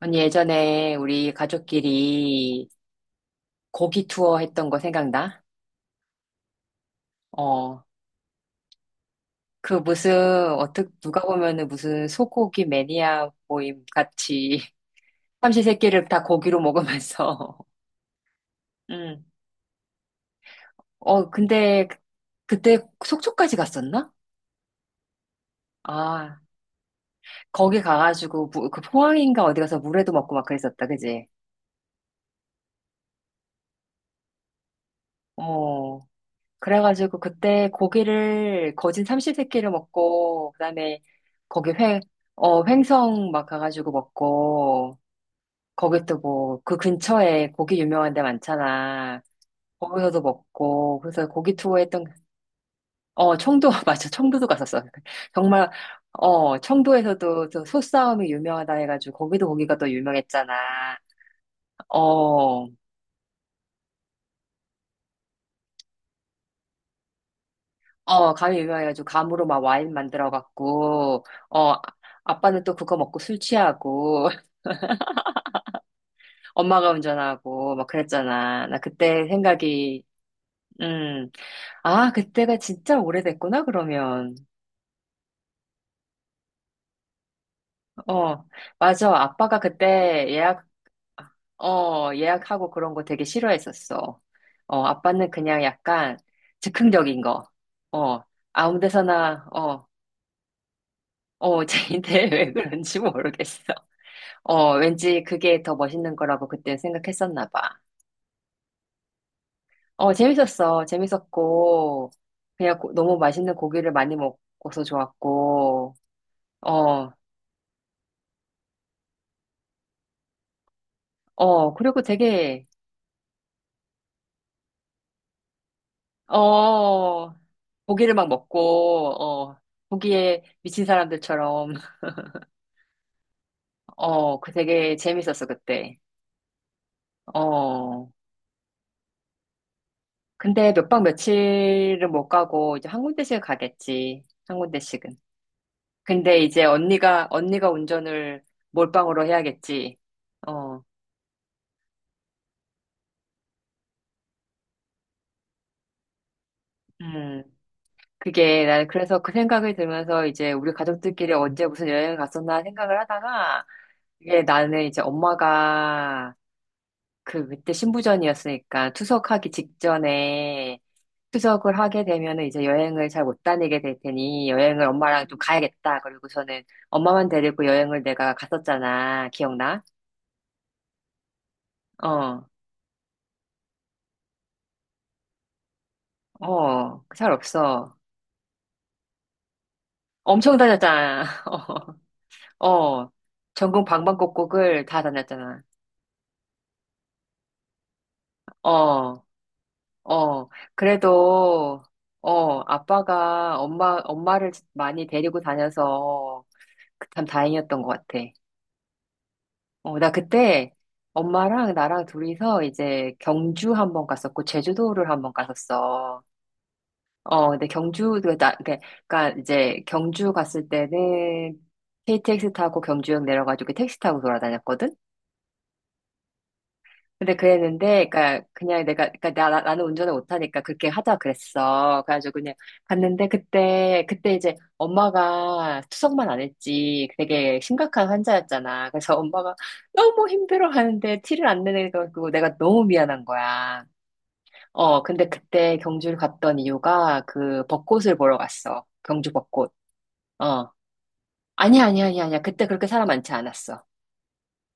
언니 예전에 우리 가족끼리 고기 투어 했던 거 생각나? 어, 그 무슨 어떻게 누가 보면은 무슨 소고기 매니아 모임 같이 삼시세끼를 다 고기로 먹으면서. 응. 어, 그때 속초까지 갔었나? 아, 거기 가가지고 그 포항인가 어디 가서 물회도 먹고 막 그랬었다, 그지? 어. 그래가지고 그때 고기를 거진 삼시세끼를 먹고 그다음에 거기 횡, 어, 횡성 막 가가지고 먹고 거기 또 뭐 그 근처에 고기 유명한 데 많잖아. 거기서도 먹고 그래서 고기 투어 했던 그, 어 청도 맞아 청도도 갔었어. 정말 어 청도에서도 저 소싸움이 유명하다 해가지고 거기도 고기가 또 유명했잖아. 어 어, 감이 유명해가지고, 감으로 막 와인 만들어갖고, 아빠는 또 그거 먹고 술 취하고, 엄마가 운전하고, 막 그랬잖아. 나 그때 생각이, 음, 아, 그때가 진짜 오래됐구나, 그러면. 어, 맞아. 어, 예약하고 그런 거 되게 싫어했었어. 어, 아빠는 그냥 약간 즉흥적인 거. 어, 아무 데서나, 어, 어, 쟤인데 왜 그런지 모르겠어. 어, 왠지 그게 더 멋있는 거라고 그때 생각했었나 봐. 어, 재밌었어. 재밌었고, 너무 맛있는 고기를 많이 먹어서 좋았고, 어, 어, 그리고 되게, 어, 고기를 막 먹고, 어, 고기에 미친 사람들처럼, 어, 그 되게 재밌었어, 그때. 어, 근데 몇 박 며칠은 못 가고, 이제 한 군데씩 가겠지. 한 군데씩은. 근데 이제 언니가 운전을 몰빵으로 해야겠지. 어, 음. 그게, 난 그래서 그 생각이 들면서 이제 우리 가족들끼리 언제 무슨 여행을 갔었나 생각을 하다가, 이게 나는 이제 엄마가 그때 신부전이었으니까 투석하기 직전에 투석을 하게 되면은 이제 여행을 잘 못 다니게 될 테니 여행을 엄마랑 좀 가야겠다. 그리고 저는 엄마만 데리고 여행을 내가 갔었잖아. 기억나? 어, 어, 잘 없어. 엄청 다녔잖아. 어, 어. 전국 방방곡곡을 다 다녔잖아. 어, 어. 그래도, 어, 엄마를 많이 데리고 다녀서 그 참 다행이었던 것 같아. 어, 나 그때 엄마랑 나랑 둘이서 이제 경주 한 번 갔었고, 제주도를 한 번 갔었어. 어, 근데 경주 그 나, 그러니까 이제 경주 갔을 때는 KTX 타고 경주역 내려가지고 택시 타고 돌아다녔거든? 근데 그랬는데, 그니까, 그냥 내가, 그니까, 나, 나- 나는 운전을 못하니까 그렇게 하자 그랬어. 그래가지고 그냥 갔는데, 그때 이제 엄마가 투석만 안 했지. 되게 심각한 환자였잖아. 그래서 엄마가 너무 힘들어 하는데 티를 안 내내가지고 내가 너무 미안한 거야. 어, 근데 그때 경주를 갔던 이유가 그 벚꽃을 보러 갔어. 경주 벚꽃. 어. 아니야. 그때 그렇게 사람 많지 않았어.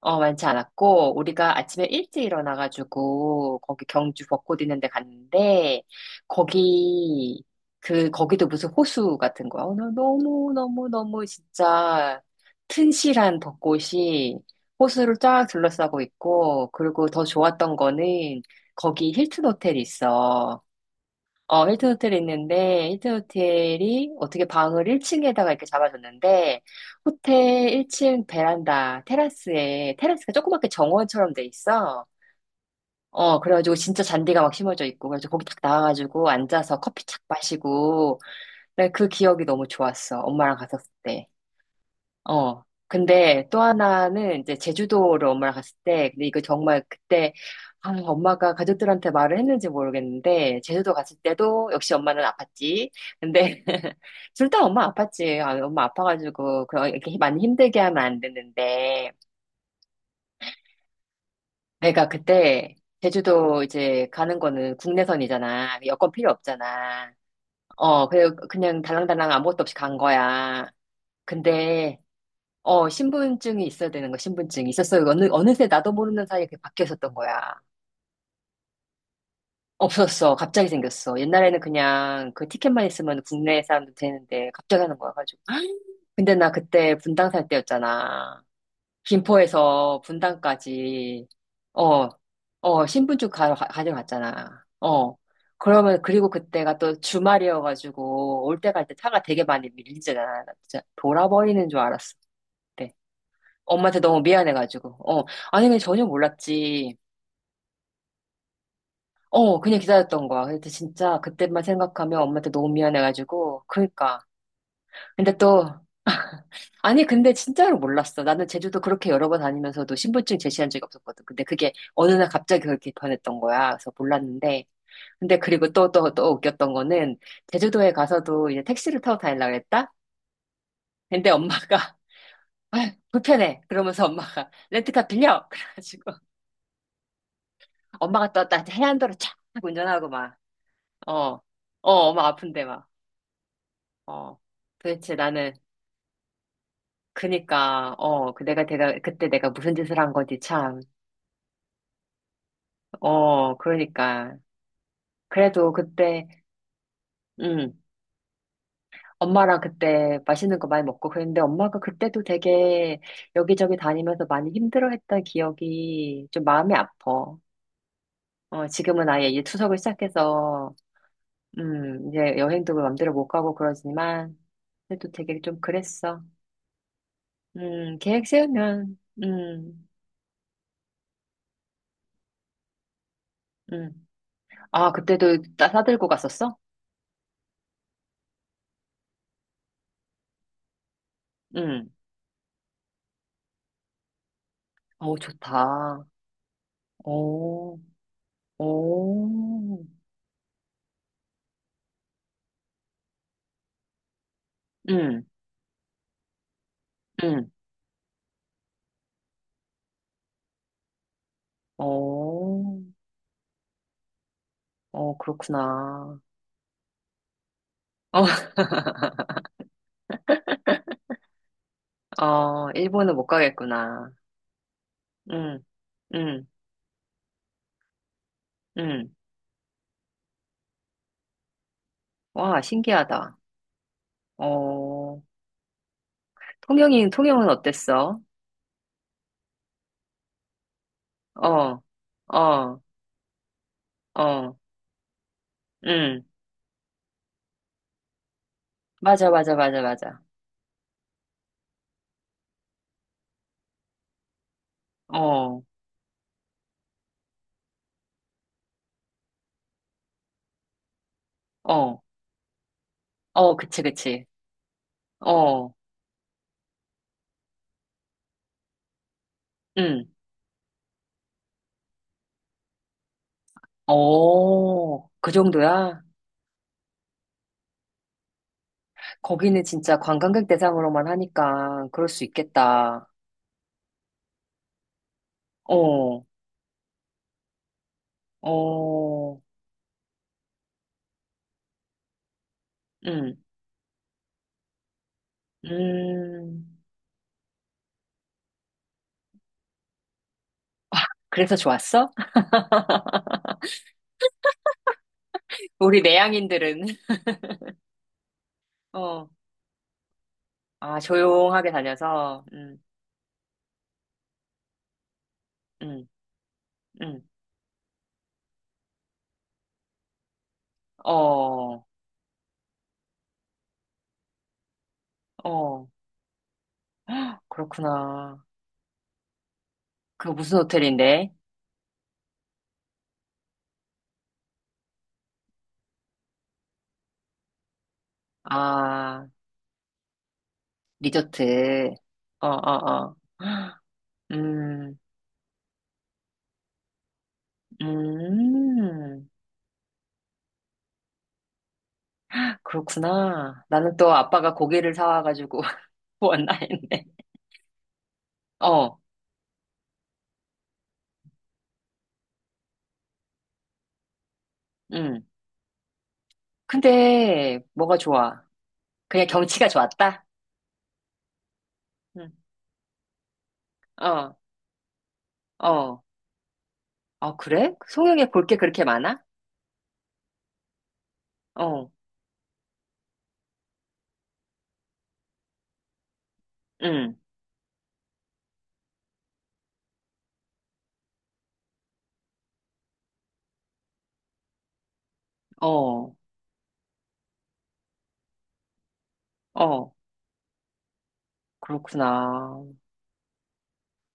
어, 많지 않았고, 우리가 아침에 일찍 일어나가지고, 거기 경주 벚꽃 있는 데 갔는데, 거기, 거기도 무슨 호수 같은 거야. 오늘 너무너무너무 진짜 튼실한 벚꽃이 호수를 쫙 둘러싸고 있고, 그리고 더 좋았던 거는, 거기 힐튼 호텔이 있어. 어, 힐튼 호텔이 있는데, 힐튼 호텔이 어떻게 방을 1층에다가 이렇게 잡아줬는데, 호텔 1층 베란다, 테라스에, 테라스가 조그맣게 정원처럼 돼 있어. 어, 그래가지고 진짜 잔디가 막 심어져 있고, 그래서 거기 딱 나와가지고 앉아서 커피 착 마시고, 내그 기억이 너무 좋았어. 엄마랑 갔었을 때. 어. 근데 또 하나는 이제 제주도를 엄마랑 갔을 때, 근데 이거 정말 그때, 아, 엄마가 가족들한테 말을 했는지 모르겠는데, 제주도 갔을 때도 역시 엄마는 아팠지. 근데, 둘 다 엄마 아팠지. 아, 엄마 아파가지고, 그, 렇게 많이 힘들게 하면 안 되는데, 내가 그때, 제주도 이제 가는 거는 국내선이잖아. 여권 필요 없잖아. 어, 그래, 그냥 달랑달랑 아무것도 없이 간 거야. 근데, 어, 신분증이 있어야 되는 거, 신분증이 있었어요. 어느새 나도 모르는 사이에 그게 바뀌어 있었던 거야. 없었어. 갑자기 생겼어. 옛날에는 그냥 그 티켓만 있으면 국내 사람도 되는데 갑자기 하는 거야 가지고. 근데 나 그때 분당 살 때였잖아. 김포에서 분당까지 어, 어, 가져갔잖아. 어. 그러면 그리고 그때가 또 주말이어가지고 올 때 갈 때 차가 되게 많이 밀리잖아. 나 진짜 돌아버리는 줄 알았어. 엄마한테 너무 미안해가지고. 어. 아니, 그냥 전혀 몰랐지. 어, 그냥 기다렸던 거야. 근데 진짜 그때만 생각하면 엄마한테 너무 미안해가지고. 그니까. 근데 또, 아니, 근데 진짜로 몰랐어. 나는 제주도 그렇게 여러 번 다니면서도 신분증 제시한 적이 없었거든. 근데 그게 어느 날 갑자기 그렇게 변했던 거야. 그래서 몰랐는데. 근데 그리고 또 웃겼던 거는 제주도에 가서도 이제 택시를 타고 다니려고 그랬다? 근데 엄마가, 아 불편해. 그러면서 엄마가 렌트카 빌려! 그래가지고. 엄마가 떴다. 해안도로 쫙 운전하고 막, 어, 어, 엄마 아픈데 막, 어. 도대체 나는, 그니까, 어, 그때 내가 무슨 짓을 한 거지, 참. 어, 그러니까. 그래도 그때, 음 엄마랑 그때 맛있는 거 많이 먹고 그랬는데 엄마가 그때도 되게 여기저기 다니면서 많이 힘들어했던 기억이 좀 마음이 아파. 어, 지금은 아예 이제 추석을 시작해서, 이제 여행도 맘대로 못 가고 그러지만, 그래도 되게 좀 그랬어. 계획 세우면, 음. 아, 싸들고 갔었어? 음. 어, 좋다. 오, 오, 음, 음. 오, 어, 그렇구나. 어, 어, 일본은 못 가겠구나. 음, 음, 음. 와, 신기하다. 어, 통영이, 통영은 어땠어? 어, 어, 어, 음. 맞아. 어, 어. 어, 그치, 그치. 어, 응. 어, 그 정도야? 거기는 진짜 관광객 대상으로만 하니까 그럴 수 있겠다. 어, 어, 응, 음. 그래서 좋았어? 우리 내향인들은. 어, 아, 조용하게 다녀서. 응, 응, 응. 어, 어, 그렇구나. 그 무슨 호텔인데? 아, 리조트. 어, 어, 어. 음, 음. 그렇구나. 나는 또 아빠가 고기를 사와가지고 구웠나 했네. 어, 응. 근데 뭐가 좋아? 그냥 경치가 좋았다? 응. 어, 어. 아, 그래? 송영에 볼 게 그렇게 많아? 어, 응. 어, 어. 그렇구나.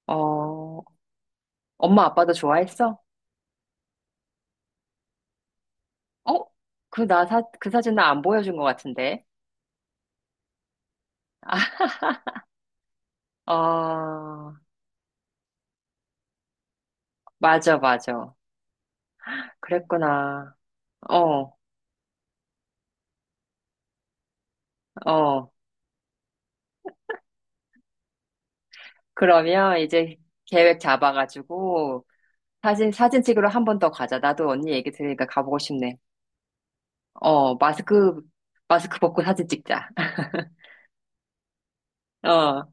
어, 엄마 아빠도 좋아했어? 어? 그 사진 나 안 보여준 것 같은데. 아, 어, 맞아, 맞아. 그랬구나. 어, 어. 그러면 이제 계획 잡아가지고 사진, 사진 찍으러 한 번 더 가자. 나도 언니 얘기 들으니까 가보고 싶네. 어, 마스크, 마스크 벗고 사진 찍자. 어.